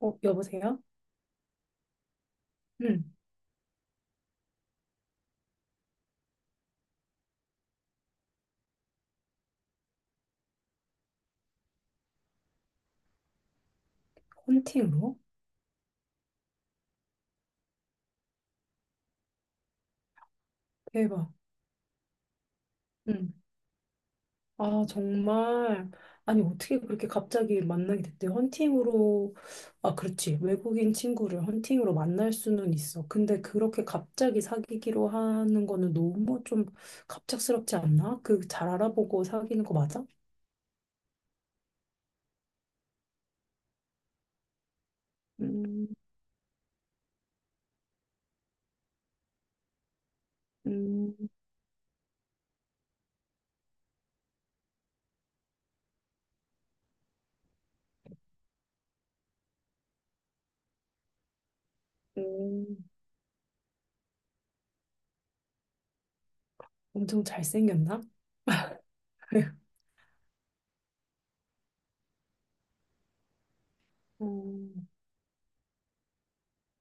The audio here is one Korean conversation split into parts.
어, 여보세요? 응, 헌팅으로? 대박. 응. 아, 정말. 아니, 어떻게 그렇게 갑자기 만나게 됐대? 헌팅으로. 아, 그렇지. 외국인 친구를 헌팅으로 만날 수는 있어. 근데 그렇게 갑자기 사귀기로 하는 거는 너무 좀 갑작스럽지 않나? 그 잘 알아보고 사귀는 거 맞아? 음, 음, 음. 엄청 잘생겼나? 어,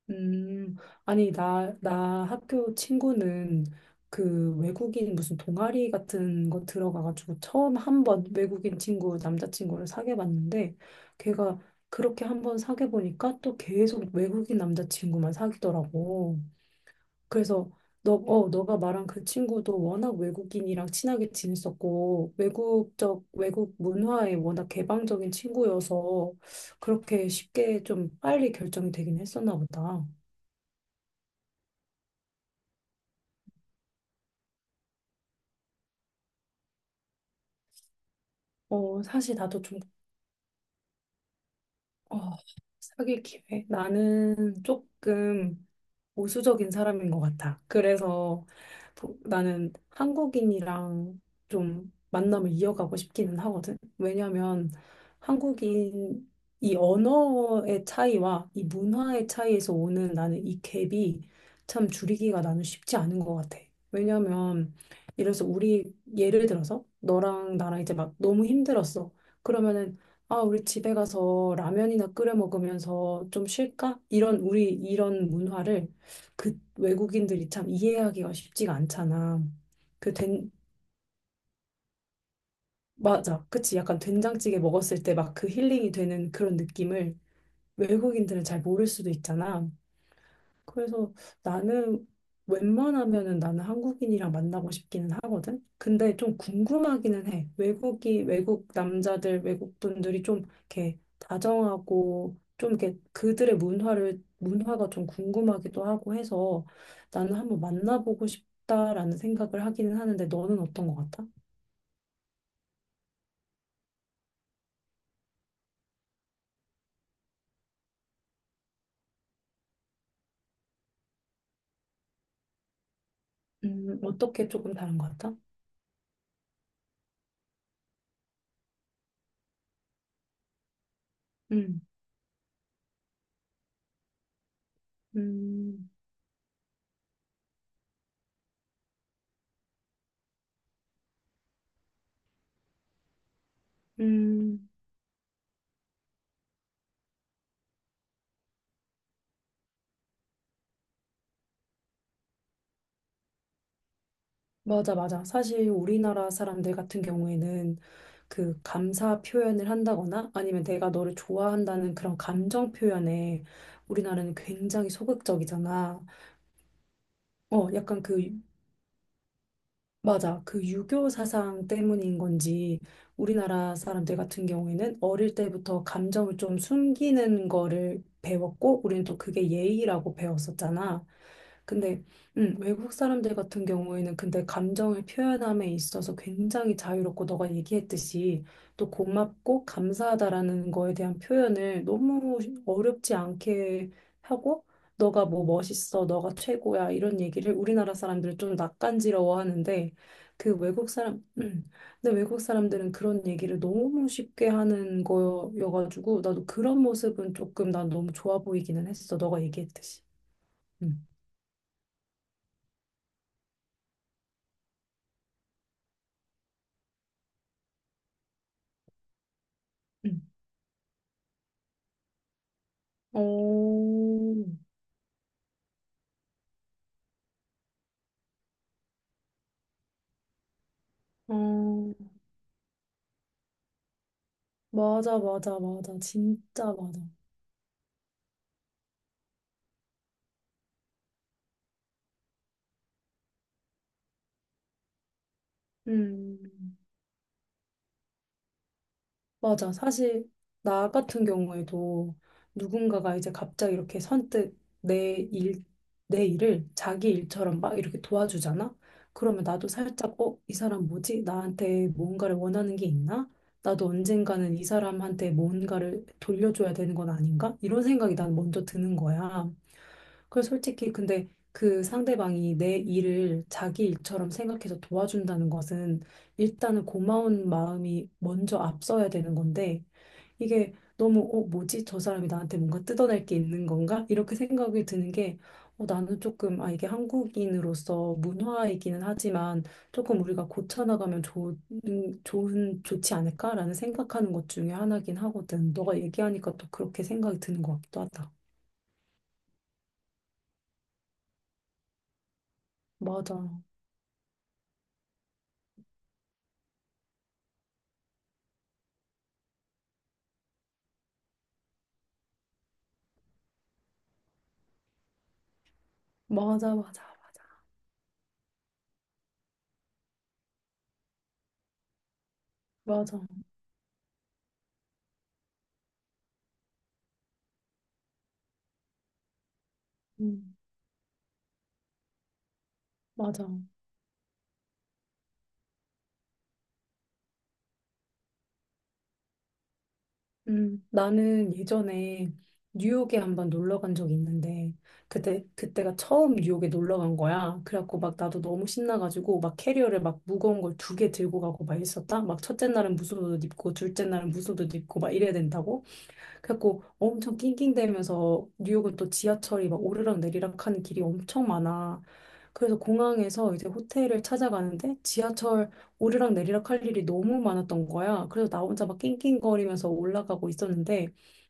음, 아니, 나 학교 친구는 그 외국인 무슨 동아리 같은 거 들어가가지고 처음 한 번 외국인 친구, 남자친구를 사귀어 봤는데 걔가 그렇게 한 번 사귀어 보니까 또 계속 외국인 남자친구만 사귀더라고. 그래서 너가 말한 그 친구도 워낙 외국인이랑 친하게 지냈었고 외국 문화에 워낙 개방적인 친구여서 그렇게 쉽게 좀 빨리 결정이 되긴 했었나 보다. 어, 사실 나도 좀, 어, 사귈 기회. 나는 조금, 보수적인 사람인 것 같아. 그래서 나는 한국인이랑 좀 만남을 이어가고 싶기는 하거든. 왜냐하면 한국인 이 언어의 차이와 이 문화의 차이에서 오는 나는 이 갭이 참 줄이기가 나는 쉽지 않은 것 같아. 왜냐하면 이래서 우리 예를 들어서 너랑 나랑 이제 막 너무 힘들었어. 그러면은 아, 우리 집에 가서 라면이나 끓여 먹으면서 좀 쉴까? 이런 우리 이런 문화를 그 외국인들이 참 이해하기가 쉽지가 않잖아. 그 된, 맞아. 그치. 약간 된장찌개 먹었을 때 막 그 힐링이 되는 그런 느낌을 외국인들은 잘 모를 수도 있잖아. 그래서 나는 웬만하면은 나는 한국인이랑 만나고 싶기는 하거든. 근데 좀 궁금하기는 해. 외국 남자들, 외국 분들이 좀 이렇게 다정하고 좀 이렇게 그들의 문화를 문화가 좀 궁금하기도 하고 해서 나는 한번 만나보고 싶다라는 생각을 하기는 하는데 너는 어떤 것 같아? 어떻게 조금 다른 것 같아? 음, 음, 음. 맞아, 맞아. 사실 우리나라 사람들 같은 경우에는 그 감사 표현을 한다거나 아니면 내가 너를 좋아한다는 그런 감정 표현에 우리나라는 굉장히 소극적이잖아. 어, 약간 그 맞아. 그 유교 사상 때문인 건지 우리나라 사람들 같은 경우에는 어릴 때부터 감정을 좀 숨기는 거를 배웠고 우리는 또 그게 예의라고 배웠었잖아. 근데 외국 사람들 같은 경우에는 근데 감정을 표현함에 있어서 굉장히 자유롭고 너가 얘기했듯이 또 고맙고 감사하다라는 거에 대한 표현을 너무 어렵지 않게 하고 너가 뭐 멋있어, 너가 최고야 이런 얘기를 우리나라 사람들은 좀 낯간지러워하는데 그 외국 사람, 근데 외국 사람들은 그런 얘기를 너무 쉽게 하는 거여가지고, 나도 그런 모습은 조금 난 너무 좋아 보이기는 했어. 너가 얘기했듯이. 음. 음. 어, 어, 맞아, 맞아, 맞아. 진짜 맞아. 음. 맞아. 사실 나 같은 경우에도 누군가가 이제 갑자기 이렇게 선뜻 내 일, 내 일을 자기 일처럼 막 이렇게 도와주잖아? 그러면 나도 살짝, 어, 이 사람 뭐지? 나한테 뭔가를 원하는 게 있나? 나도 언젠가는 이 사람한테 뭔가를 돌려줘야 되는 건 아닌가? 이런 생각이 난 먼저 드는 거야. 그래서 솔직히 근데 그 상대방이 내 일을 자기 일처럼 생각해서 도와준다는 것은 일단은 고마운 마음이 먼저 앞서야 되는 건데, 이게 너무, 어, 뭐지? 저 사람이 나한테 뭔가 뜯어낼 게 있는 건가? 이렇게 생각이 드는 게, 어, 나는 조금, 아, 이게 한국인으로서 문화이기는 하지만, 조금 우리가 고쳐나가면 좋은, 좋은, 좋지 않을까라는 생각하는 것 중에 하나긴 하거든. 너가 얘기하니까 또 그렇게 생각이 드는 것 같기도 하다. 맞아. 맞아, 맞아, 맞아. 맞아. 음, 맞아. 나는 예전에 뉴욕에 한번 놀러 간 적이 있는데, 그때가 처음 뉴욕에 놀러 간 거야. 그래갖고 막 나도 너무 신나가지고, 막 캐리어를 막 무거운 걸 두 개 들고 가고 막 있었다? 막 첫째 날은 무슨 옷 입고, 둘째 날은 무슨 옷 입고 막 이래야 된다고? 그래갖고 엄청 낑낑대면서 뉴욕은 또 지하철이 막 오르락 내리락 하는 길이 엄청 많아. 그래서 공항에서 이제 호텔을 찾아가는데 지하철 오르락 내리락 할 일이 너무 많았던 거야. 그래서 나 혼자 막 낑낑거리면서 올라가고 있었는데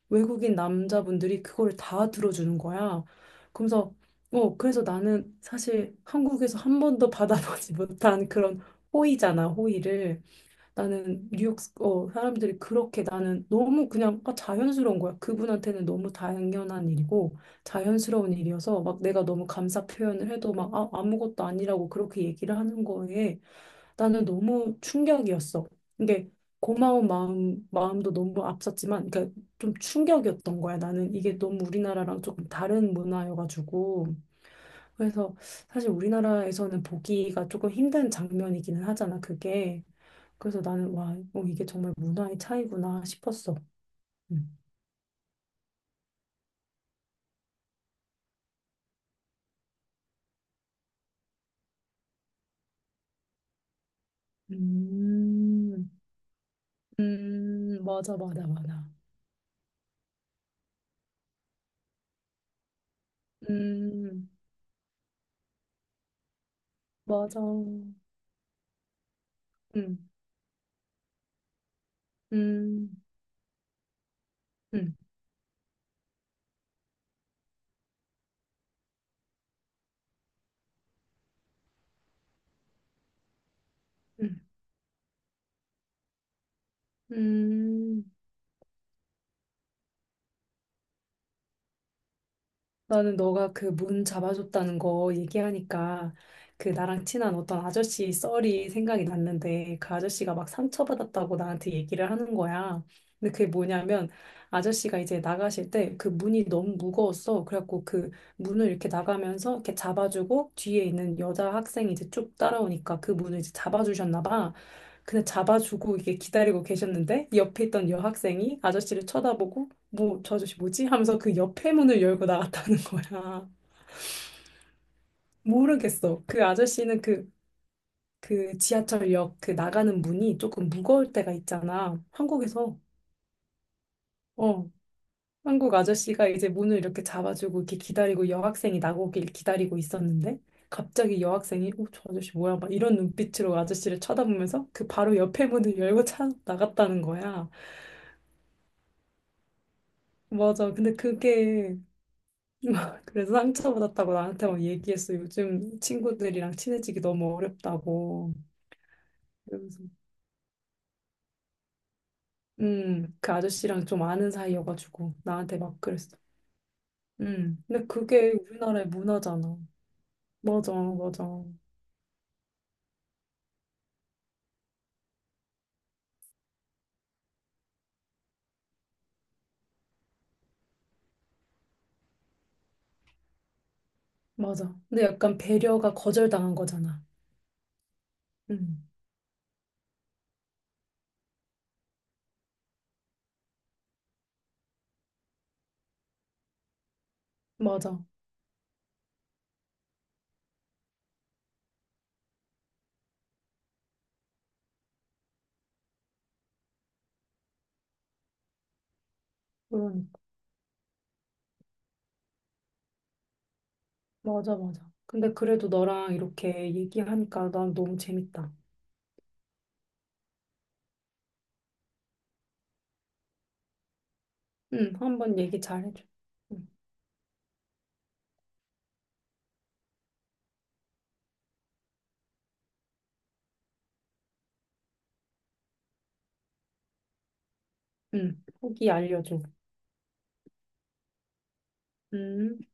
외국인 남자분들이 그거를 다 들어주는 거야. 그러면서 어 그래서 나는 사실 한국에서 한 번도 받아보지 못한 그런 호의잖아, 호의를. 나는 뉴욕 어, 사람들이 그렇게 나는 너무 그냥 아, 자연스러운 거야. 그분한테는 너무 당연한 일이고 자연스러운 일이어서 막 내가 너무 감사 표현을 해도 막 아, 아무것도 아니라고 그렇게 얘기를 하는 거에 나는 너무 충격이었어. 이게 고마운 마음 마음도 너무 앞섰지만 그러니까 좀 충격이었던 거야. 나는 이게 너무 우리나라랑 조금 다른 문화여가지고 그래서 사실 우리나라에서는 보기가 조금 힘든 장면이기는 하잖아. 그게. 그래서 나는 와, 어, 이게 정말 문화의 차이구나 싶었어. 음, 음, 맞아, 맞아, 맞아. 음, 맞아. 음, 음, 음, 음. 나는 너가 그 문 잡아줬다는 거 얘기하니까 그 나랑 친한 어떤 아저씨 썰이 생각이 났는데 그 아저씨가 막 상처받았다고 나한테 얘기를 하는 거야. 근데 그게 뭐냐면 아저씨가 이제 나가실 때 그 문이 너무 무거웠어. 그래갖고 그 문을 이렇게 나가면서 이렇게 잡아주고 뒤에 있는 여자 학생이 이제 쭉 따라오니까 그 문을 이제 잡아주셨나 봐. 근데 잡아주고 이게 기다리고 계셨는데 옆에 있던 여학생이 아저씨를 쳐다보고 뭐, 저 아저씨 뭐지? 하면서 그 옆에 문을 열고 나갔다는 거야. 모르겠어. 그 아저씨는 그, 그 지하철역 그 나가는 문이 조금 무거울 때가 있잖아. 한국에서. 어. 한국 아저씨가 이제 문을 이렇게 잡아주고 이렇게 기다리고 여학생이 나오길 기다리고 있었는데 갑자기 여학생이 어, 저 아저씨 뭐야? 막 이런 눈빛으로 아저씨를 쳐다보면서 그 바로 옆에 문을 열고 차 나갔다는 거야. 맞아. 근데 그게 그래서 상처받았다고 나한테 막 얘기했어. 요즘 친구들이랑 친해지기 너무 어렵다고. 그러면서, 그 아저씨랑 좀 아는 사이여가지고 나한테 막 그랬어. 근데 그게 우리나라의 문화잖아. 맞아, 맞아, 맞아. 근데 약간 배려가 거절당한 거잖아. 음, 맞아. 그러니까. 맞아, 맞아. 근데 그래도 너랑 이렇게 얘기하니까 난 너무 재밌다. 한번 얘기 잘해줘. 음, 후기 알려줘. 음.